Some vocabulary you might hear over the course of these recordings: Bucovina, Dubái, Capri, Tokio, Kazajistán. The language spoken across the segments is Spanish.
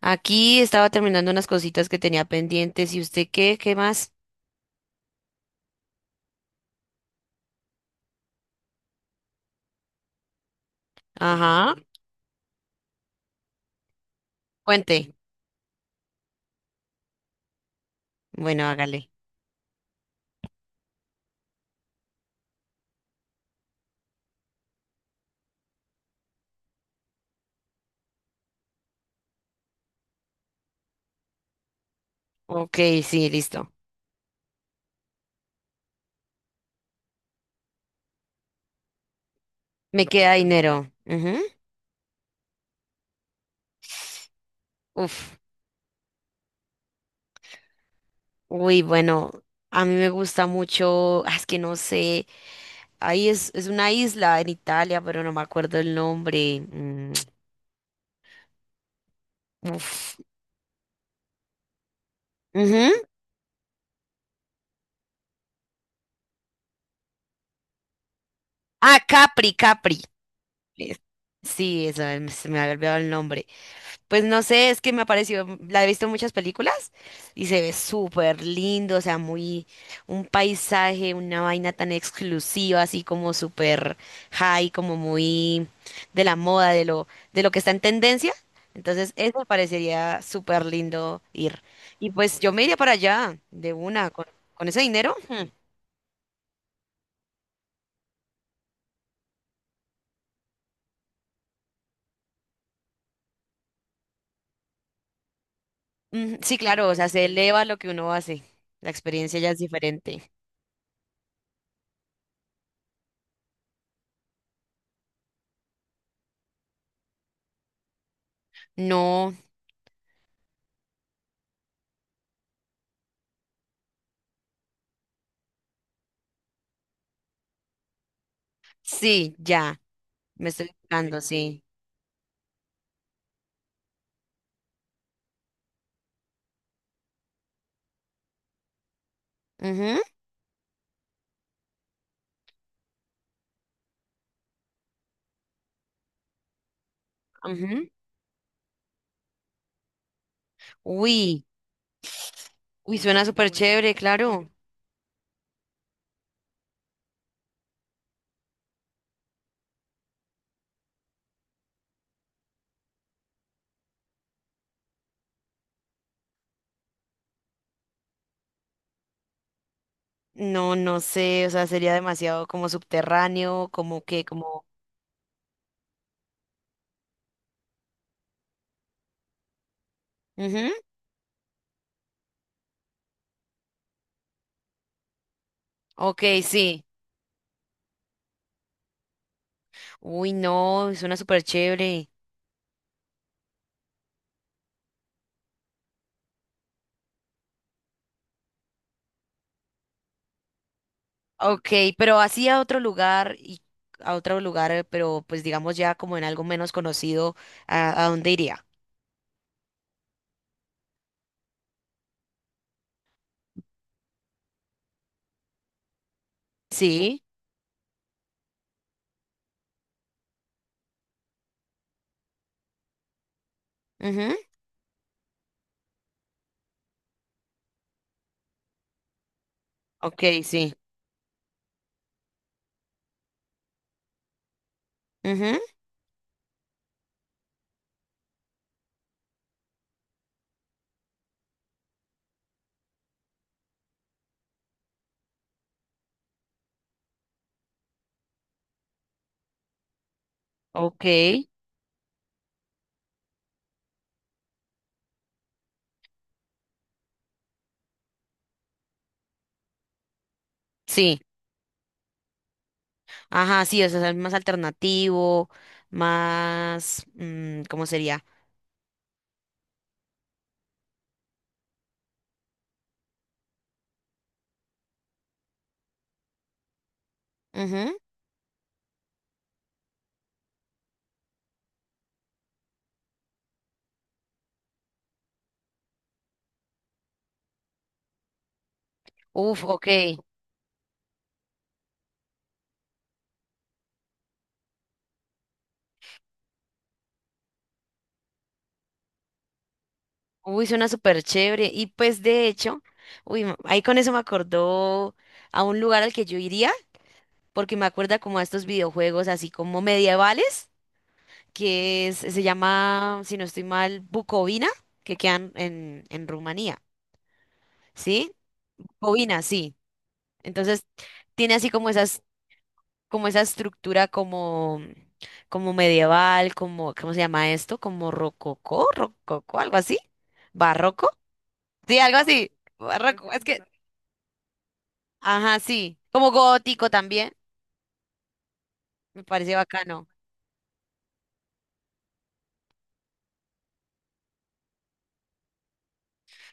Aquí estaba terminando unas cositas que tenía pendientes. ¿Y usted qué? ¿Qué más? Ajá. Cuente. Bueno, hágale. Ok, sí, listo. Me queda dinero. Ujú. Uf. Uy, bueno, a mí me gusta mucho. Es que no sé. Ahí es una isla en Italia, pero no me acuerdo el nombre. Mm, uf. Ujú. Ah, Capri, Capri. Es- sí, eso, se me había olvidado el nombre. Pues no sé, es que me ha parecido, la he visto en muchas películas y se ve súper lindo, o sea, muy un paisaje, una vaina tan exclusiva, así como súper high, como muy de la moda, de lo que está en tendencia. Entonces, eso me parecería súper lindo ir. Y pues yo me iría para allá de una, con ese dinero. Hmm. Mm, sí, claro, o sea, se eleva lo que uno hace. La experiencia ya es diferente. No, sí, ya, me estoy buscando, sí. Ujú, ujú. Uy, uy, suena súper chévere, claro. No, no sé, o sea, sería demasiado como subterráneo, como que, como... Ujú, ok, sí. Uy, no, suena súper chévere. Ok, pero así a otro lugar y a otro lugar, pero pues digamos ya como en algo menos conocido, a dónde iría? Sí. Ujú, ok, sí. Ujú, ok, sí. Ajá, sí, o sea, es más alternativo, más... mm, ¿cómo sería? Ujú. Uf, ok. Uy, suena súper chévere. Y pues de hecho, uy, m- ahí con eso me acordó a un lugar al que yo iría, porque me acuerda como a estos videojuegos así como medievales, que es- se llama, si no estoy mal, Bucovina, que quedan en Rumanía, ¿sí? Bucovina, sí. Entonces, tiene así como esas, como esa estructura como, como medieval, como, ¿cómo se llama esto? Como rococó, rococó, algo así, barroco. Sí, algo así. Barroco, es que, ajá, sí. Como gótico también, me parece bacano.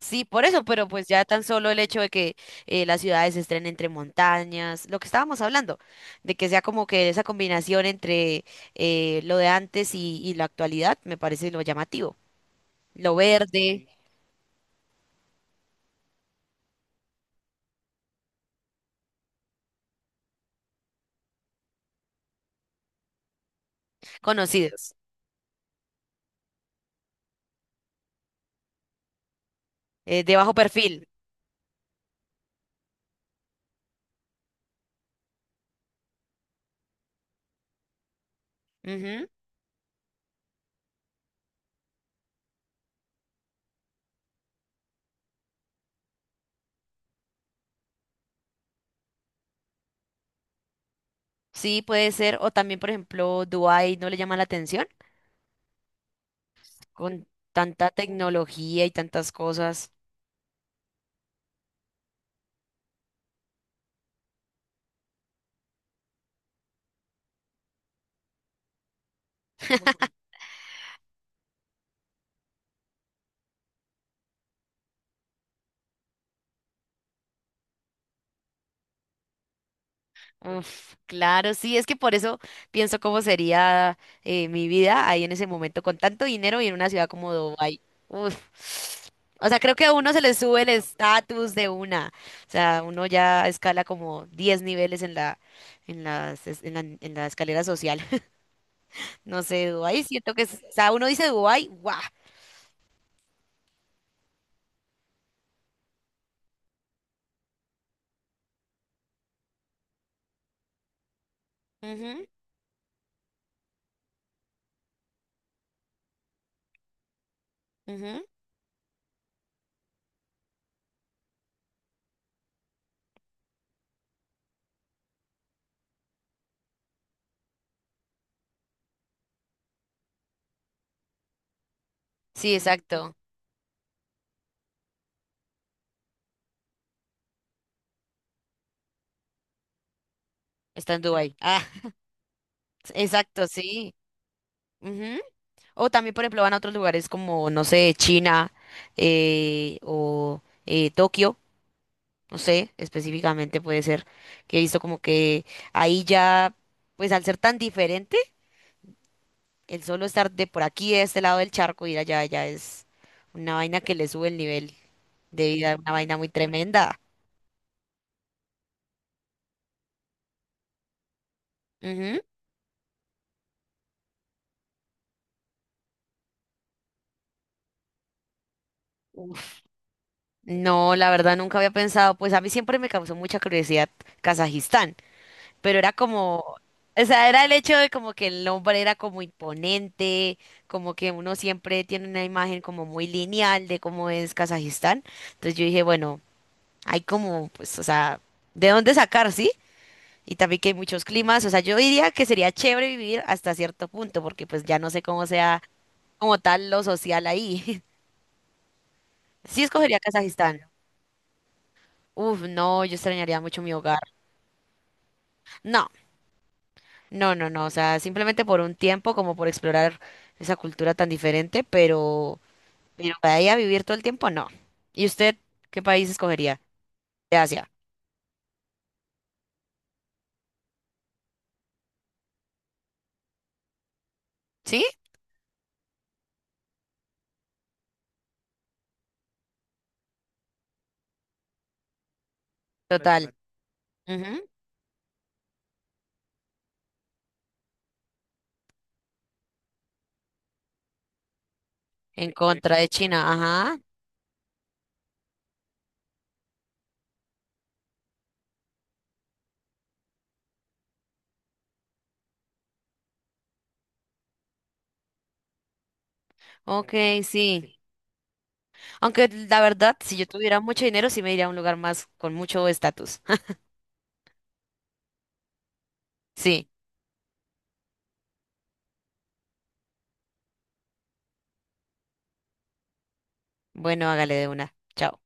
Sí, por eso, pero pues ya tan solo el hecho de que las ciudades se estén entre montañas, lo que estábamos hablando, de que sea como que esa combinación entre lo de antes y la actualidad, me parece lo llamativo. Lo verde, conocidos, de bajo perfil. Ujú, sí, puede ser. O también, por ejemplo, Dubái no le llama la atención con tanta tecnología y tantas cosas. Uf, claro, sí, es que por eso pienso cómo sería mi vida ahí en ese momento, con tanto dinero y en una ciudad como Dubái. Uf, o sea, creo que a uno se le sube el estatus de una. O sea, uno ya escala como 10 niveles en la, en las, es- en la escalera social. No sé, Dubái, siento que, es- o sea, uno dice Dubái, guau. Ujú, ujú. Sí, exacto, está en Dubái. Ah, exacto, sí. O también, por ejemplo, van a otros lugares como, no sé, China o Tokio, no sé, específicamente puede ser que he visto como que ahí ya, pues al ser tan diferente, el solo estar de por aquí, de este lado del charco, ir allá, ya es una vaina que le sube el nivel de vida, una vaina muy tremenda. Ujú. Uf, no, la verdad nunca había pensado, pues a mí siempre me causó mucha curiosidad Kazajistán. Pero era como, o sea, era el hecho de como que el hombre era como imponente, como que uno siempre tiene una imagen como muy lineal de cómo es Kazajistán. Entonces yo dije, bueno, hay como, pues, o sea, de dónde sacar, ¿sí? Y también que hay muchos climas, o sea, yo diría que sería chévere vivir hasta cierto punto, porque pues ya no sé cómo sea como tal lo social ahí. Sí escogería Kazajistán. Uf, no, yo extrañaría mucho mi hogar. No, no, no, no, o sea, simplemente por un tiempo, como por explorar esa cultura tan diferente, pero para ir a vivir todo el tiempo, no. ¿Y usted qué país escogería? De Asia, ¿sí? Total. Exacto. Ujú, en sí, sí, contra de China, ajá. Ok, sí. Aunque la verdad, si yo tuviera mucho dinero, sí me iría a un lugar más con mucho estatus. Sí, bueno, hágale de una. Chao.